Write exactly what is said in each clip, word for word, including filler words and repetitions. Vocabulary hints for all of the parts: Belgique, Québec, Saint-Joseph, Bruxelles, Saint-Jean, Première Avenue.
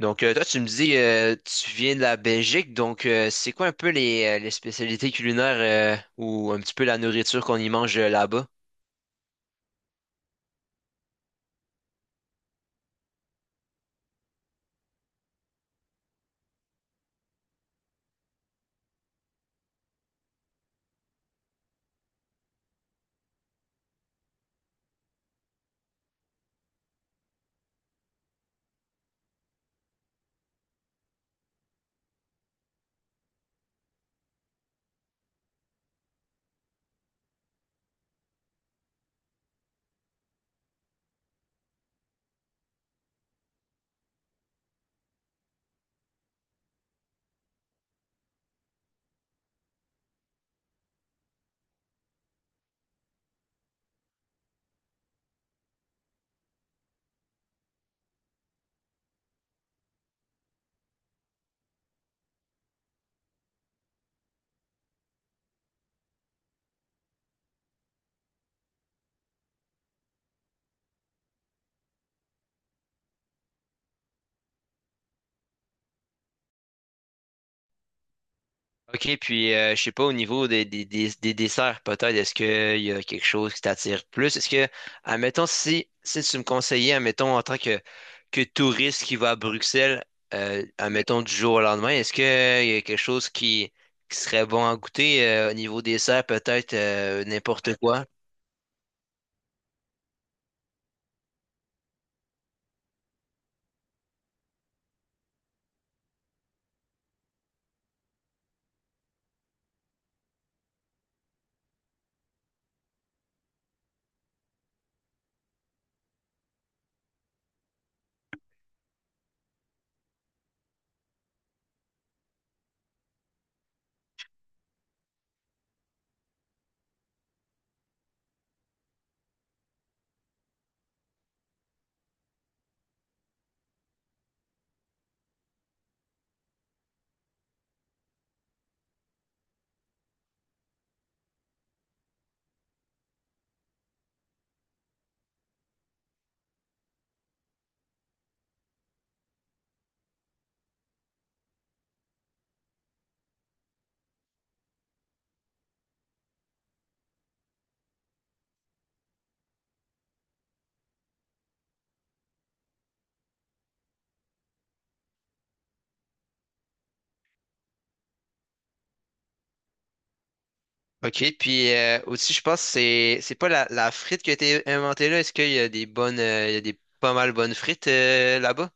Donc, euh, toi, tu me dis, euh, tu viens de la Belgique, donc euh, c'est quoi un peu les, euh, les spécialités culinaires euh, ou un petit peu la nourriture qu'on y mange euh, là-bas? Ok, puis euh, je sais pas, au niveau des, des, des, des desserts, peut-être, est-ce qu'il y a quelque chose qui t'attire plus? Est-ce que, admettons, si, si tu me conseillais, admettons, en tant que, que touriste qui va à Bruxelles, euh, admettons, du jour au lendemain, est-ce qu'il y a quelque chose qui, qui serait bon à goûter euh, au niveau dessert, peut-être euh, n'importe quoi? OK, puis euh, aussi, je pense que c'est c'est pas la, la frite qui a été inventée là. Est-ce qu'il y a des bonnes, euh, il y a des pas mal bonnes frites euh, là-bas?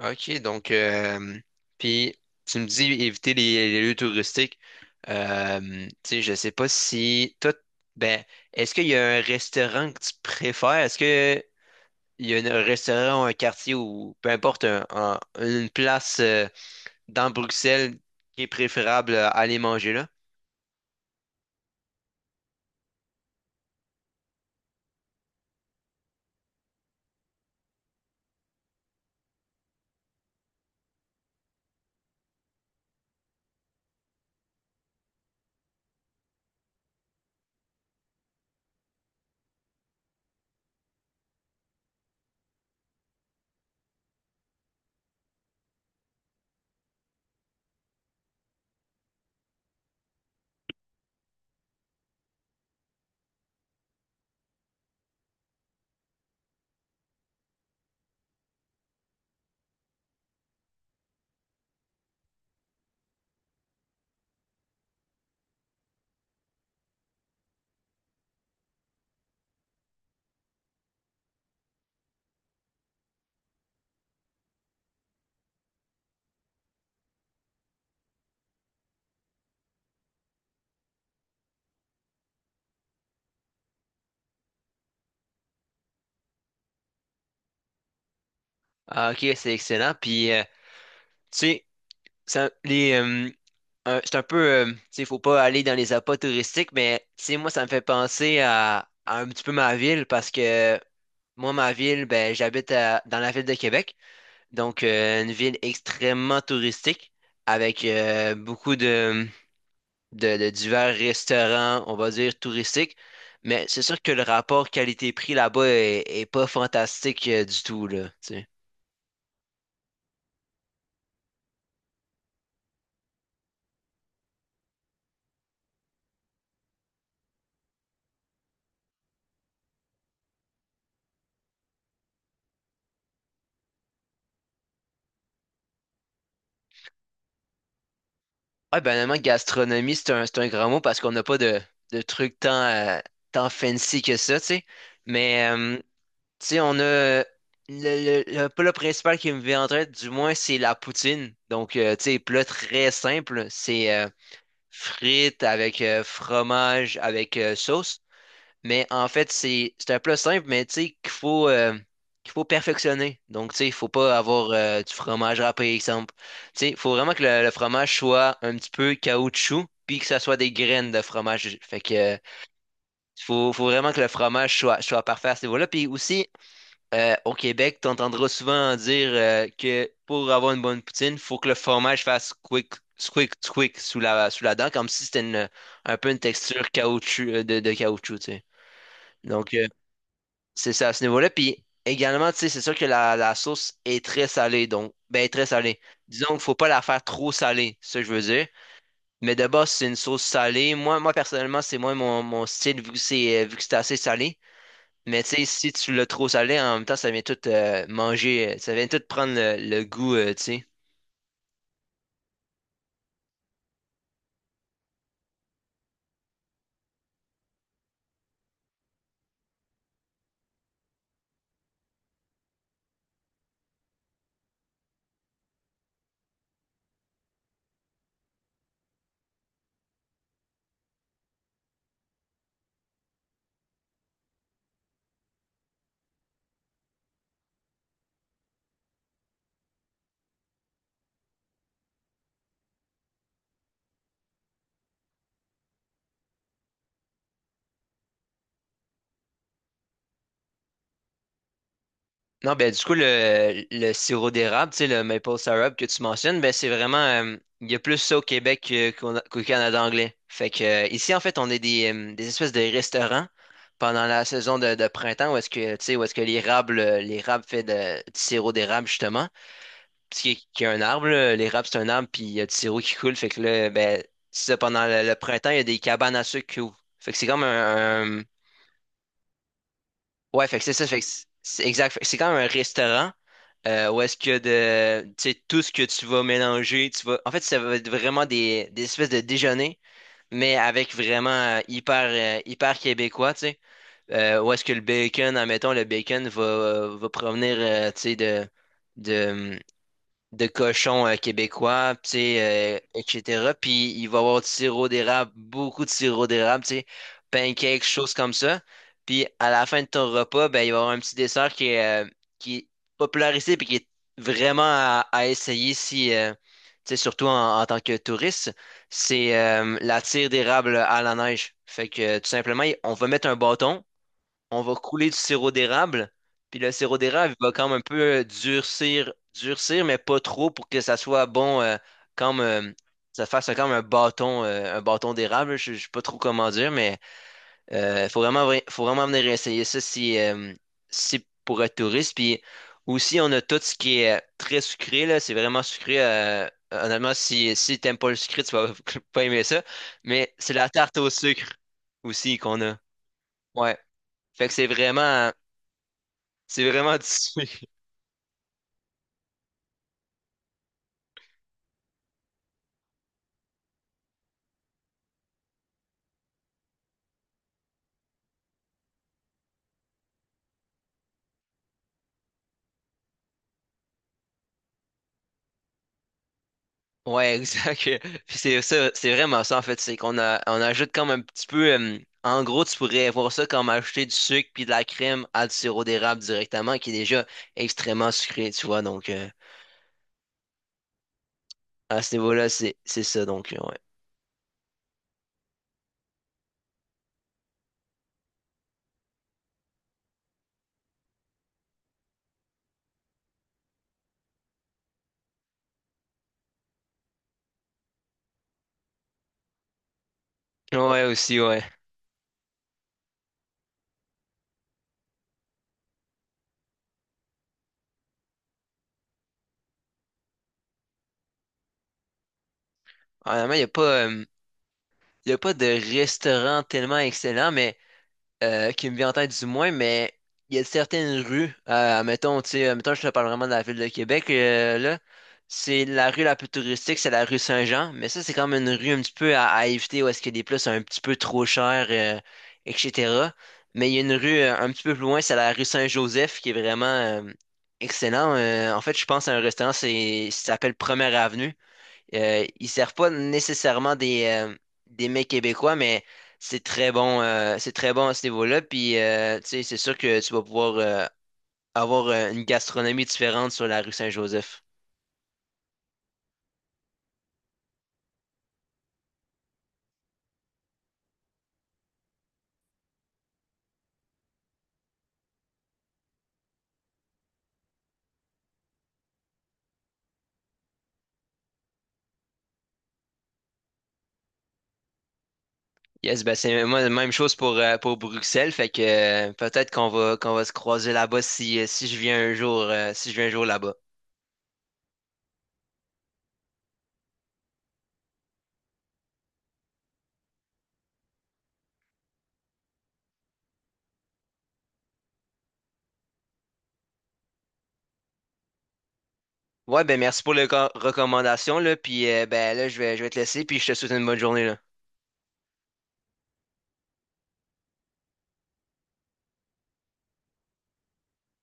OK, donc, euh, puis tu me dis éviter les, les lieux touristiques. Euh, tu sais, je sais pas si toi, ben, est-ce qu'il y a un restaurant que tu préfères? Est-ce que il y a un restaurant ou un quartier ou peu importe, un- un- une place euh, dans Bruxelles qui est préférable à aller manger là? Ah, OK, c'est excellent. Puis, euh, tu sais, ça- les, euh, euh, c'est un peu, euh, tu sais, faut pas aller dans les appâts touristiques, mais tu sais, moi, ça me fait penser à, à un petit peu ma ville parce que moi, ma ville, ben, j'habite à- dans la ville de Québec, donc euh, une ville extrêmement touristique avec euh, beaucoup de, de, de divers restaurants, on va dire touristiques, mais c'est sûr que le rapport qualité-prix là-bas est, est pas fantastique euh, du tout, là, tu sais. Ouais, banalement, gastronomie, c'est un, c'est un grand mot parce qu'on n'a pas de, de trucs tant, euh, tant fancy que ça, tu sais. Mais, euh, tu sais, on a. euh, Le, le, le plat principal qui me vient en tête, du moins, c'est la poutine. Donc, euh, tu sais, plat très simple. C'est euh, frites avec euh, fromage, avec euh, sauce. Mais en fait, c'est c'est un plat simple, mais tu sais qu'il faut, euh, qu'il faut perfectionner. Donc, tu sais, il faut pas avoir euh, du fromage râpé, exemple. Tu sais, il faut vraiment que le, le fromage soit un petit peu caoutchouc, puis que ça soit des graines de fromage. Fait que euh, faut, faut vraiment que le fromage soit, soit parfait à ce niveau-là. Puis aussi, euh, au Québec, tu entendras souvent dire euh, que pour avoir une bonne poutine, il faut que le fromage fasse squick, squick, squick sous la, sous la dent, comme si c'était une, un peu une texture caoutchouc, euh, de, de caoutchouc, tu sais. Donc, euh, c'est ça, à ce niveau-là. Puis également, tu sais, c'est sûr que la, la sauce est très salée, donc, ben, très salée. Disons qu'il faut pas la faire trop salée, c'est ça que je veux dire. Mais de base, c'est une sauce salée. Moi, moi personnellement, c'est moins mon, mon style, vu que c'est, euh, vu que c'est assez salé. Mais tu sais, si tu l'as trop salé, en même temps, ça vient tout euh, manger, euh, ça vient tout prendre le, le goût, euh, tu sais. Non, ben du coup, le, le sirop d'érable, tu sais, le maple syrup que tu mentionnes, ben c'est vraiment, euh, il y a plus ça au Québec que- qu'au qu'au Canada anglais. Fait que euh, ici, en fait, on est des, euh, des espèces de restaurants pendant la saison de, de printemps où est-ce que, tu sais, où est-ce que l'érable, euh, l'érable fait de, du sirop d'érable, justement. Parce qu'il y, a qu'il y a un arbre, là, l'érable, c'est un arbre, puis il y a du sirop qui coule. Fait que là, ben, c'est ça, pendant le, le printemps, il y a des cabanes à sucre qui ouvrent. Fait que c'est comme un. Ouais, fait que c'est ça, fait que c'est c'est exact. Fait que c'est quand même un restaurant euh, où est-ce que de, tu sais, tout ce que tu vas mélanger, tu vas. En fait, ça va être vraiment des, des espèces de déjeuner, mais avec vraiment euh, hyper, euh, hyper québécois, tu sais. Euh, où est-ce que le bacon, admettons, le bacon va, va provenir, euh, tu sais, de, de, de cochons euh, québécois, tu sais, euh, et cetera. Puis il va y avoir du sirop d'érable, beaucoup de sirop d'érable, tu sais, pancakes, choses comme ça. Puis à la fin de ton repas, ben, il va y avoir un petit dessert qui est, euh, qui est popularisé puis qui est vraiment à, à essayer si, euh, tu sais, surtout en, en tant que touriste, c'est euh, la tire d'érable à la neige. Fait que tout simplement, on va mettre un bâton, on va couler du sirop d'érable, puis le sirop d'érable il va comme un peu euh, durcir, durcir, mais pas trop pour que ça soit bon, euh, comme euh, ça fasse comme un bâton, euh, un bâton d'érable. Je je sais pas trop comment dire, mais euh, faut vraiment, vra- faut vraiment venir essayer ça si, euh, si pour être touriste. Puis aussi, on a tout ce qui est euh, très sucré, là, c'est vraiment sucré. euh, Honnêtement, si, si t'aimes pas le sucré, tu vas pas aimer ça. Mais c'est la tarte au sucre aussi qu'on a. Ouais. Fait que c'est vraiment, c'est vraiment dissous. Ouais, exact. Puis c'est ça, c'est vraiment ça en fait, c'est qu'on a, on ajoute comme un petit peu euh, en gros, tu pourrais voir ça comme ajouter du sucre puis de la crème à du sirop d'érable directement qui est déjà extrêmement sucré, tu vois. Donc euh, à ce niveau-là, c'est c'est ça donc ouais. Ouais aussi, ouais. Honnêtement, il y a pas euh, y a pas de restaurant tellement excellent, mais euh, qui me vient en tête du moins, mais il y a certaines rues, euh, mettons, tu sais, euh, mettons, je te parle vraiment de la ville de Québec, euh, là, c'est la rue la plus touristique, c'est la rue Saint-Jean, mais ça, c'est comme une rue un petit peu à, à éviter où est-ce que des plats sont un petit peu trop chers, euh, et cetera. Mais il y a une rue euh, un petit peu plus loin, c'est la rue Saint-Joseph, qui est vraiment euh, excellent. Euh, en fait, je pense à un restaurant, c'est, ça s'appelle Première Avenue. Euh, ils servent pas nécessairement des, euh, des mets québécois, mais c'est très bon, euh, c'est très bon à ce niveau-là. Puis, euh, tu sais, c'est sûr que tu vas pouvoir euh, avoir euh, une gastronomie différente sur la rue Saint-Joseph. Yes, ben c'est moi, la même chose pour, euh, pour Bruxelles. Fait que euh, peut-être qu'on va, qu'on va se croiser là-bas si, euh, si je viens un jour, euh, si je viens un jour là-bas. Ouais, ben merci pour les co- recommandations, là. Puis, euh, ben là, je vais, je vais te laisser, puis je te souhaite une bonne journée, là.